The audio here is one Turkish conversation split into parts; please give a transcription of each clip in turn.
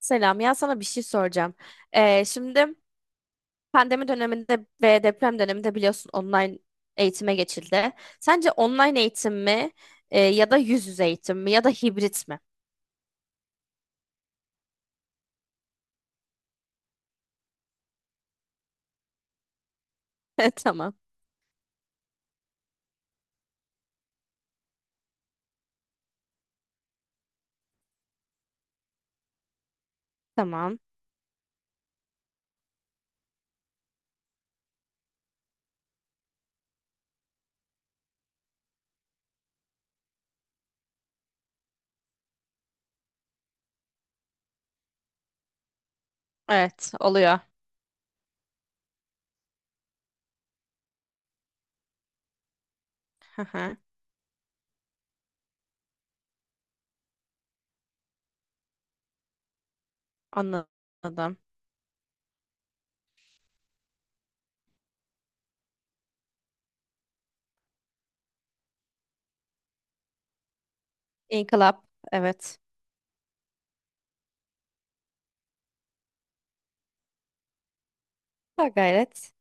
Selam ya sana bir şey soracağım. Şimdi pandemi döneminde ve deprem döneminde biliyorsun online eğitime geçildi. Sence online eğitim mi ya da yüz yüze eğitim mi ya da hibrit mi? Tamam. Tamam. Evet oluyor. Hı hı. Anladım. İnkılap. Evet. Ha, gayret.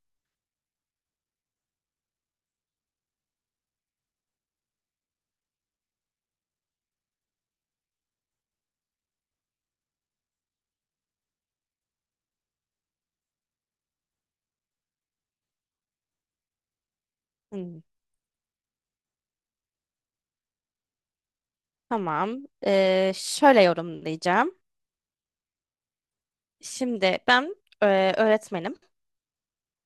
Hmm. Tamam. Şöyle yorumlayacağım. Şimdi ben öğretmenim.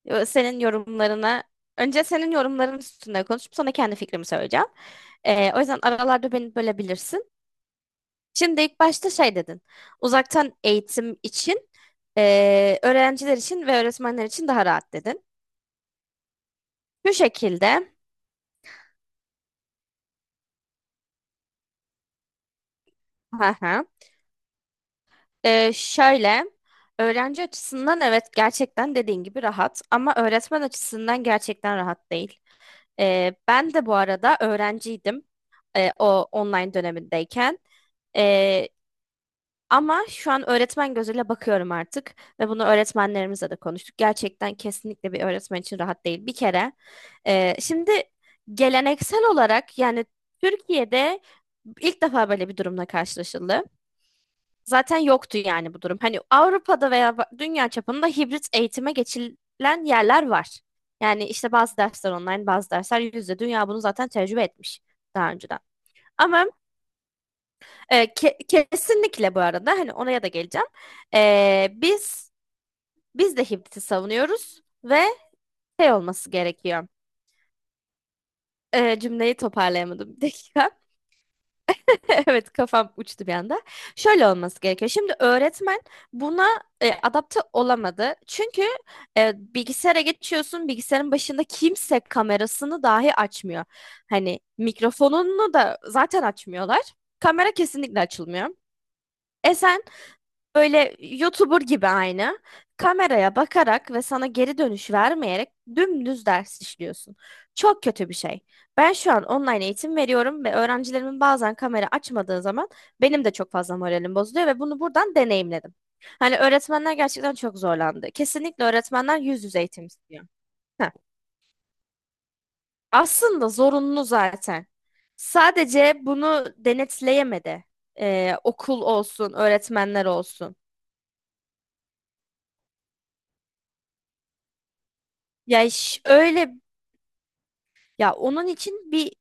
Senin yorumlarına önce senin yorumların üstünde konuşup sonra kendi fikrimi söyleyeceğim. O yüzden aralarda beni bölebilirsin. Şimdi ilk başta şey dedin. Uzaktan eğitim için öğrenciler için ve öğretmenler için daha rahat dedin. Bu şekilde hı hı. Şöyle öğrenci açısından evet gerçekten dediğin gibi rahat ama öğretmen açısından gerçekten rahat değil. Ben de bu arada öğrenciydim o online dönemindeyken. Ama şu an öğretmen gözüyle bakıyorum artık ve bunu öğretmenlerimizle de konuştuk. Gerçekten kesinlikle bir öğretmen için rahat değil. Bir kere şimdi geleneksel olarak yani Türkiye'de ilk defa böyle bir durumla karşılaşıldı. Zaten yoktu yani bu durum. Hani Avrupa'da veya dünya çapında hibrit eğitime geçilen yerler var. Yani işte bazı dersler online, bazı dersler yüz yüze. Dünya bunu zaten tecrübe etmiş daha önceden. Ama kesinlikle bu arada hani oraya da geleceğim. E, biz de Hibit'i savunuyoruz ve şey olması gerekiyor. Cümleyi toparlayamadım bir dakika. Evet kafam uçtu bir anda. Şöyle olması gerekiyor. Şimdi öğretmen buna adapte olamadı. Çünkü bilgisayara geçiyorsun. Bilgisayarın başında kimse kamerasını dahi açmıyor. Hani mikrofonunu da zaten açmıyorlar. Kamera kesinlikle açılmıyor. E sen Böyle YouTuber gibi aynı. Kameraya bakarak ve sana geri dönüş vermeyerek dümdüz ders işliyorsun. Çok kötü bir şey. Ben şu an online eğitim veriyorum ve öğrencilerimin bazen kamera açmadığı zaman benim de çok fazla moralim bozuluyor ve bunu buradan deneyimledim. Hani öğretmenler gerçekten çok zorlandı. Kesinlikle öğretmenler yüz yüze eğitim istiyor. Heh. Aslında zorunlu zaten. Sadece bunu denetleyemedi. Okul olsun, öğretmenler olsun. Öyle ya onun için bir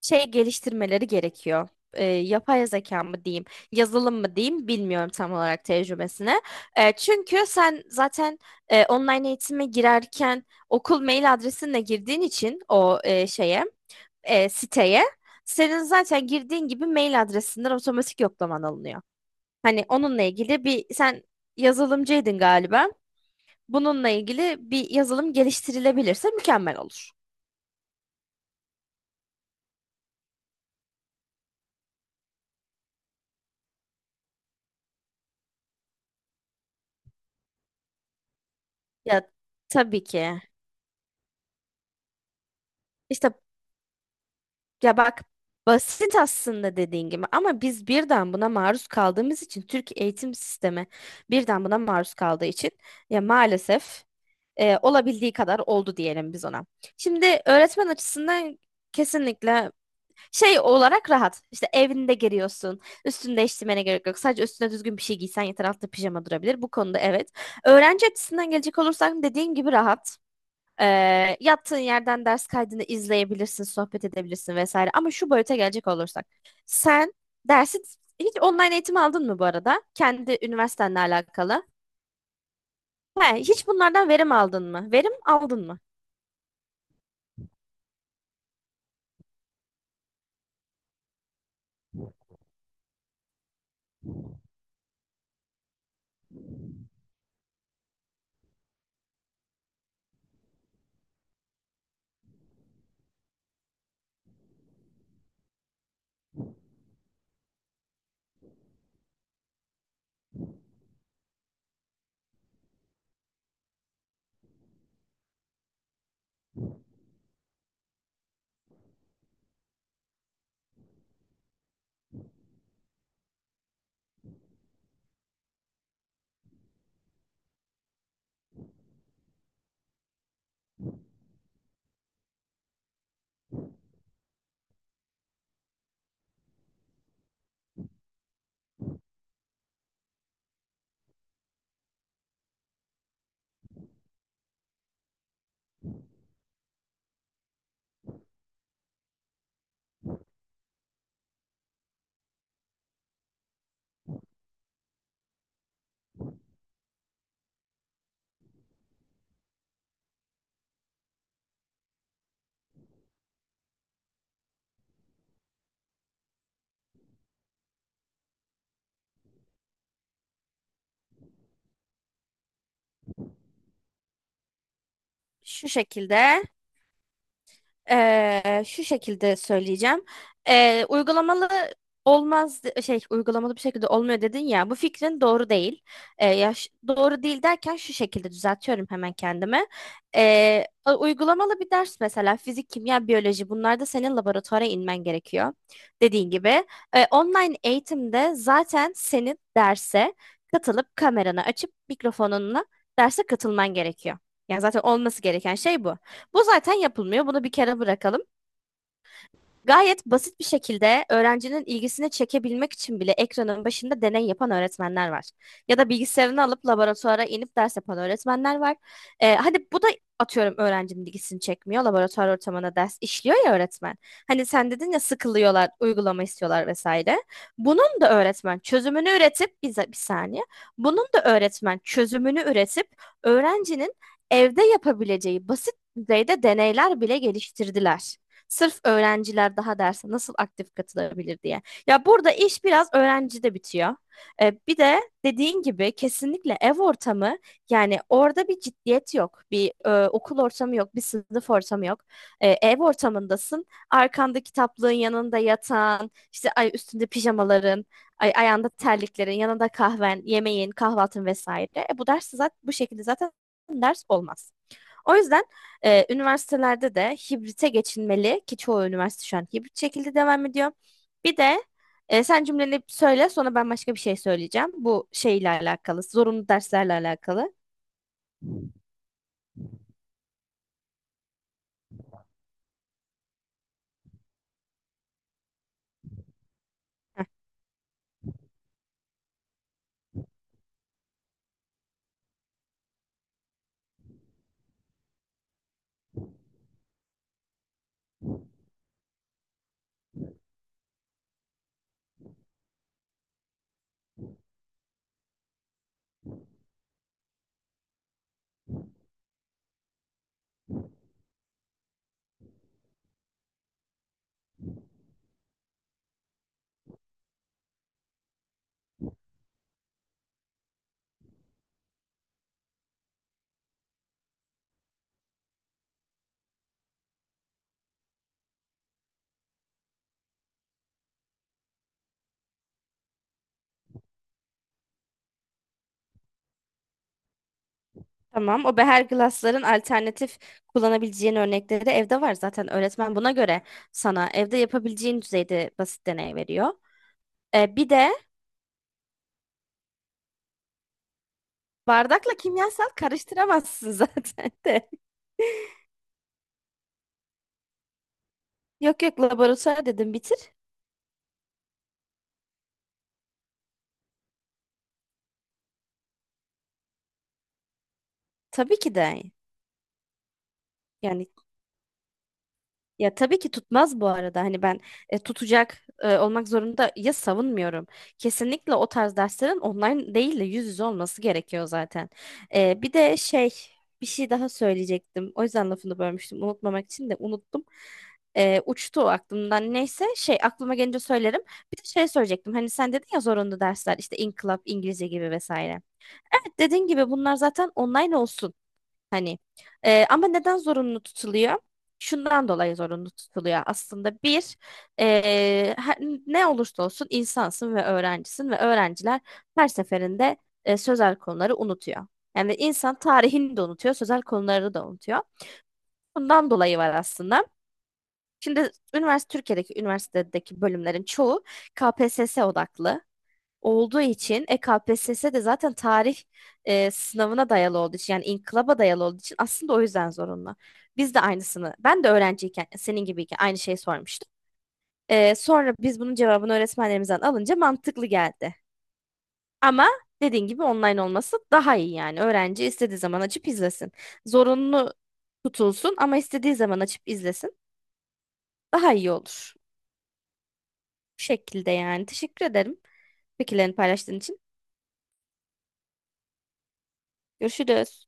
şey geliştirmeleri gerekiyor. Yapay zeka mı diyeyim, yazılım mı diyeyim bilmiyorum tam olarak tecrübesine. Çünkü sen zaten online eğitime girerken okul mail adresinle girdiğin için o siteye senin zaten girdiğin gibi mail adresinden otomatik yoklaman alınıyor. Hani onunla ilgili bir sen yazılımcıydın galiba. Bununla ilgili bir yazılım geliştirilebilirse mükemmel olur. Ya tabii ki. İşte ya bak basit aslında dediğin gibi ama biz birden buna maruz kaldığımız için Türk eğitim sistemi birden buna maruz kaldığı için ya maalesef olabildiği kadar oldu diyelim biz ona. Şimdi öğretmen açısından kesinlikle şey olarak rahat. İşte evinde giriyorsun. Üstünü değiştirmene gerek yok. Sadece üstüne düzgün bir şey giysen yeter altta pijama durabilir. Bu konuda evet. Öğrenci açısından gelecek olursak dediğin gibi rahat. Yaptığın yerden ders kaydını izleyebilirsin, sohbet edebilirsin vesaire. Ama şu boyuta gelecek olursak. Sen dersi hiç online eğitim aldın mı bu arada? Kendi üniversitenle alakalı. He, hiç bunlardan verim aldın mı? Verim aldın mı? Şu şekilde. Şu şekilde söyleyeceğim. Uygulamalı olmaz şey uygulamalı bir şekilde olmuyor dedin ya bu fikrin doğru değil. Yaş, doğru değil derken şu şekilde düzeltiyorum hemen kendimi. Uygulamalı bir ders mesela fizik, kimya, biyoloji bunlarda senin laboratuvara inmen gerekiyor. Dediğin gibi online eğitimde zaten senin derse katılıp kameranı açıp mikrofonunla derse katılman gerekiyor. Yani zaten olması gereken şey bu. Bu zaten yapılmıyor. Bunu bir kere bırakalım. Gayet basit bir şekilde öğrencinin ilgisini çekebilmek için bile ekranın başında deney yapan öğretmenler var. Ya da bilgisayarını alıp laboratuvara inip ders yapan öğretmenler var. Hadi bu da atıyorum öğrencinin ilgisini çekmiyor. Laboratuvar ortamına ders işliyor ya öğretmen. Hani sen dedin ya sıkılıyorlar, uygulama istiyorlar vesaire. Bunun da öğretmen çözümünü üretip, bize bir saniye. Bunun da öğretmen çözümünü üretip öğrencinin evde yapabileceği basit düzeyde deneyler bile geliştirdiler. Sırf öğrenciler daha derse nasıl aktif katılabilir diye. Ya burada iş biraz öğrencide bitiyor. Bir de dediğin gibi kesinlikle ev ortamı yani orada bir ciddiyet yok. Bir okul ortamı yok, bir sınıf ortamı yok. Ev ortamındasın. Arkanda kitaplığın yanında yatan, işte ay üstünde pijamaların, ay ayağında terliklerin, yanında kahven, yemeğin, kahvaltın vesaire. E, bu ders zaten bu şekilde zaten ders olmaz. O yüzden üniversitelerde de hibrite geçilmeli ki çoğu üniversite şu an hibrit şekilde devam ediyor. Bir de sen cümleni söyle sonra ben başka bir şey söyleyeceğim. Bu şeyle alakalı, zorunlu derslerle alakalı. Heh. Tamam. O beher glassların alternatif kullanabileceğin örnekleri de evde var zaten. Öğretmen buna göre sana evde yapabileceğin düzeyde basit deney veriyor. Bir de bardakla kimyasal karıştıramazsın zaten de. Yok yok laboratuvar dedim bitir. Tabii ki de. Yani ya tabii ki tutmaz bu arada. Hani ben tutacak olmak zorunda ya savunmuyorum. Kesinlikle o tarz derslerin online değil de yüz yüze olması gerekiyor zaten. Bir de şey bir şey daha söyleyecektim. O yüzden lafını bölmüştüm. Unutmamak için de unuttum. Uçtu o aklımdan. Neyse şey aklıma gelince söylerim. Bir de şey söyleyecektim. Hani sen dedin ya zorunlu dersler işte inkılap, İngilizce gibi vesaire. Evet dediğin gibi bunlar zaten online olsun. Hani ama neden zorunlu tutuluyor? Şundan dolayı zorunlu tutuluyor. Aslında bir e, her- ne olursa olsun insansın ve öğrencisin ve öğrenciler her seferinde sözel konuları unutuyor. Yani insan tarihini de unutuyor, sözel konuları da unutuyor. Bundan dolayı var aslında. Şimdi üniversite Türkiye'deki üniversitedeki bölümlerin çoğu KPSS odaklı olduğu için KPSS de zaten tarih sınavına dayalı olduğu için yani inkılaba dayalı olduğu için aslında o yüzden zorunlu. Biz de aynısını ben de öğrenciyken senin gibiyken aynı şeyi sormuştum. Sonra biz bunun cevabını öğretmenlerimizden alınca mantıklı geldi. Ama dediğin gibi online olması daha iyi yani. Öğrenci istediği zaman açıp izlesin. Zorunlu tutulsun ama istediği zaman açıp izlesin. Daha iyi olur. Bu şekilde yani. Teşekkür ederim fikirlerini paylaştığın için. Görüşürüz.